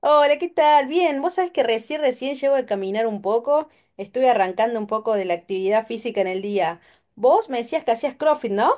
Hola, ¿qué tal? Bien, vos sabés que recién llego de caminar un poco, estuve arrancando un poco de la actividad física en el día. Vos me decías que hacías CrossFit, ¿no?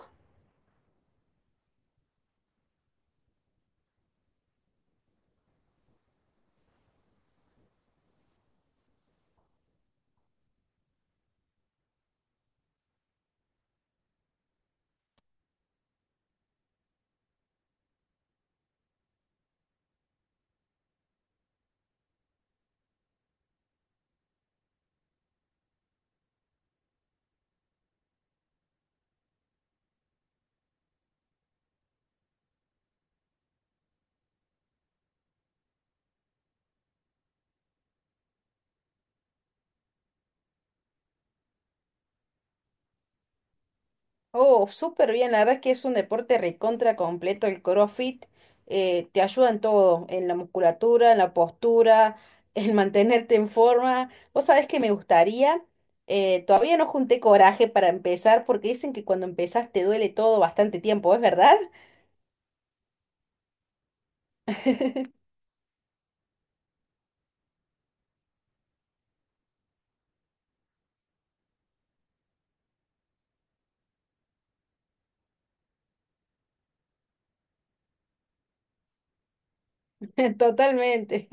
Oh, súper bien, la verdad es que es un deporte recontra completo el CrossFit, te ayuda en todo, en la musculatura, en la postura, en mantenerte en forma. Vos sabés que me gustaría, todavía no junté coraje para empezar porque dicen que cuando empezás te duele todo bastante tiempo, ¿es verdad? Totalmente.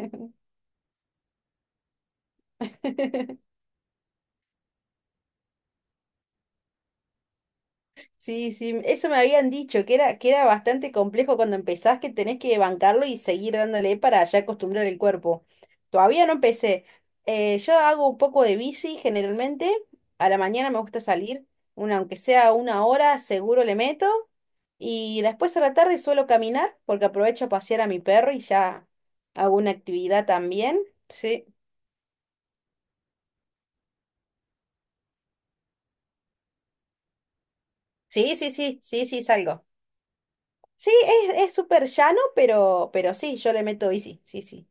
Sí, sí, eso me habían dicho, que era bastante complejo cuando empezás, que tenés que bancarlo y seguir dándole para ya acostumbrar el cuerpo. Todavía no empecé. Yo hago un poco de bici generalmente, a la mañana me gusta salir, una, aunque sea una hora, seguro le meto, y después a la tarde suelo caminar, porque aprovecho a pasear a mi perro y ya hago una actividad también. Sí, sí, sí, sí, sí, sí, salgo. Sí, es súper llano, pero sí, yo le meto bici, sí, sí.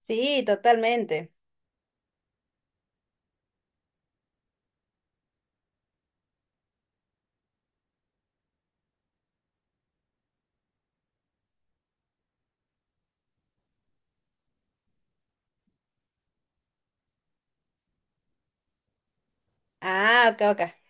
Sí, totalmente. Ah, ok, ok.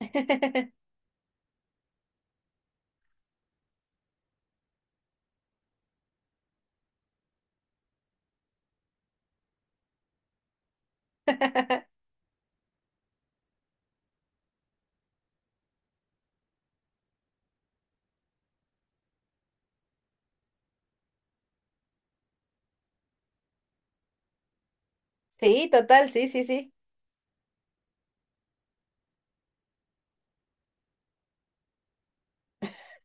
Sí, total, sí, sí, sí.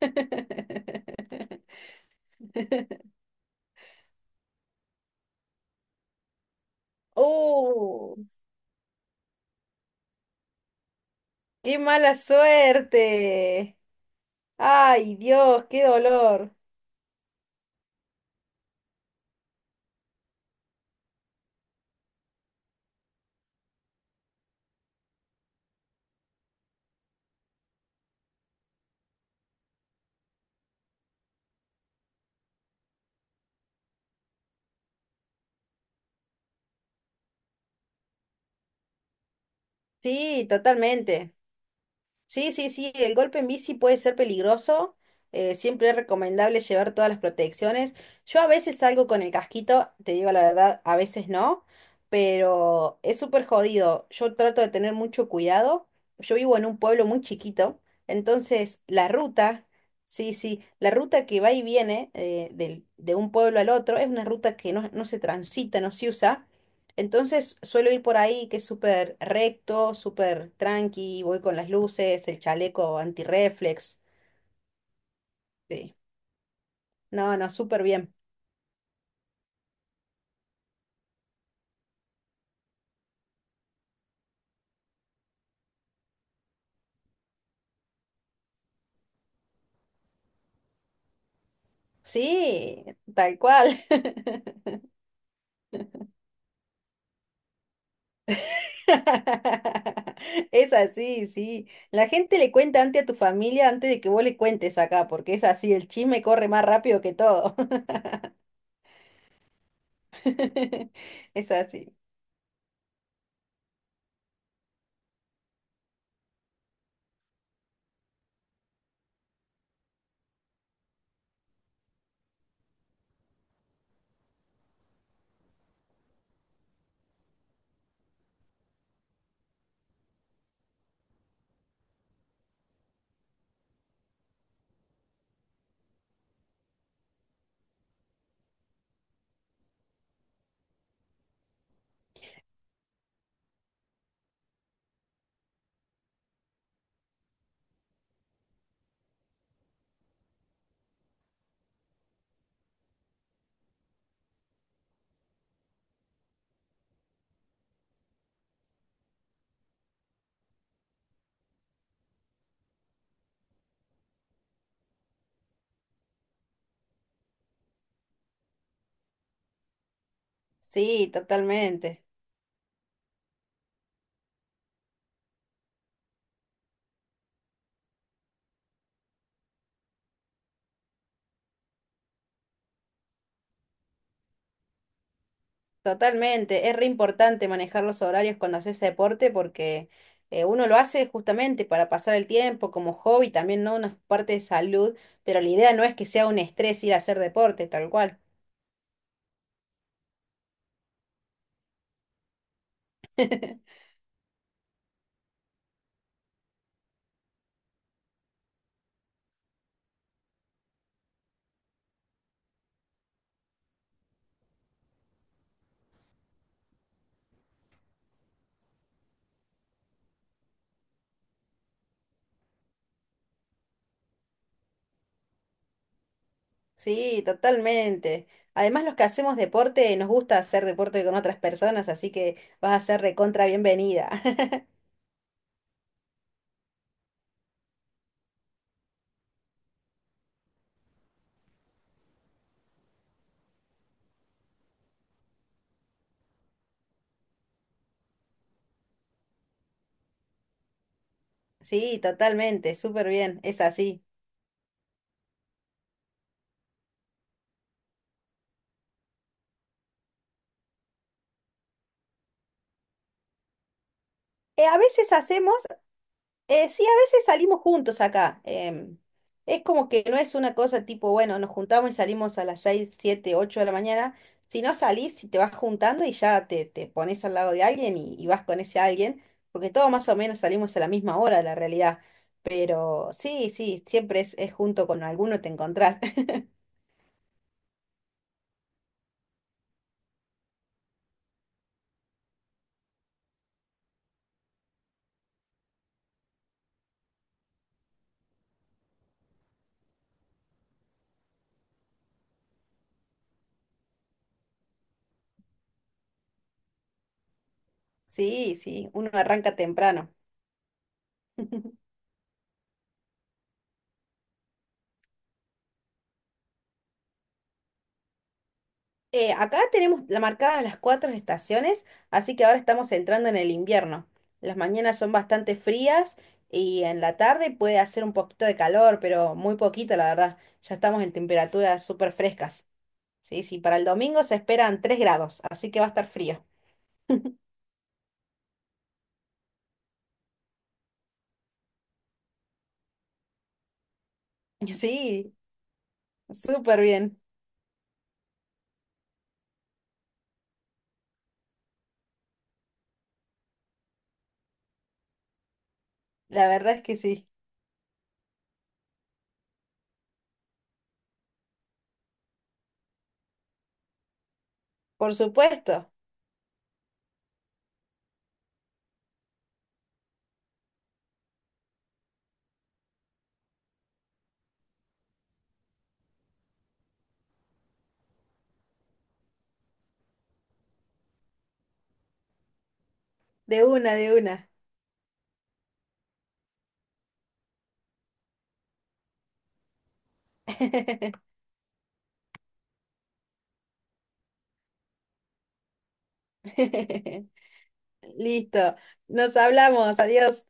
¡Uh! ¡Qué mala suerte! ¡Ay, Dios, qué dolor! Sí, totalmente. Sí, sí, sí, el golpe en bici puede ser peligroso. Siempre es recomendable llevar todas las protecciones. Yo a veces salgo con el casquito, te digo la verdad, a veces no, pero es súper jodido. Yo trato de tener mucho cuidado. Yo vivo en un pueblo muy chiquito, entonces la ruta, sí, sí, la ruta que va y viene de un pueblo al otro es una ruta que no, no se transita, no se usa. Entonces suelo ir por ahí que es súper recto, súper tranqui, voy con las luces, el chaleco antirreflex. Sí. No, no, súper bien. Sí, tal cual. Es así, sí. La gente le cuenta antes a tu familia antes de que vos le cuentes acá, porque es así, el chisme corre más rápido que todo. Es así. Sí, totalmente. Totalmente, es re importante manejar los horarios cuando haces deporte porque uno lo hace justamente para pasar el tiempo como hobby, también no una parte de salud, pero la idea no es que sea un estrés ir a hacer deporte, tal cual. Sí, totalmente. Además, los que hacemos deporte nos gusta hacer deporte con otras personas, así que vas a ser recontra bienvenida. Sí, totalmente, súper bien, es así. A veces hacemos. Sí, a veces salimos juntos acá. Es como que no es una cosa tipo, bueno, nos juntamos y salimos a las 6, 7, 8 de la mañana. Si no salís, si te vas juntando y ya te pones al lado de alguien y vas con ese alguien, porque todos más o menos salimos a la misma hora, la realidad. Pero sí, sí, siempre es junto con alguno te encontrás. Sí, sí, uno arranca temprano. Acá tenemos la marcada las cuatro estaciones, así que ahora estamos entrando en el invierno. Las mañanas son bastante frías y en la tarde puede hacer un poquito de calor, pero muy poquito, la verdad. Ya estamos en temperaturas súper frescas. Sí, sí, para el domingo se esperan 3 grados, así que va a estar frío. Sí, súper bien. La verdad es que sí. Por supuesto. De una, de una. Listo. Nos hablamos. Adiós.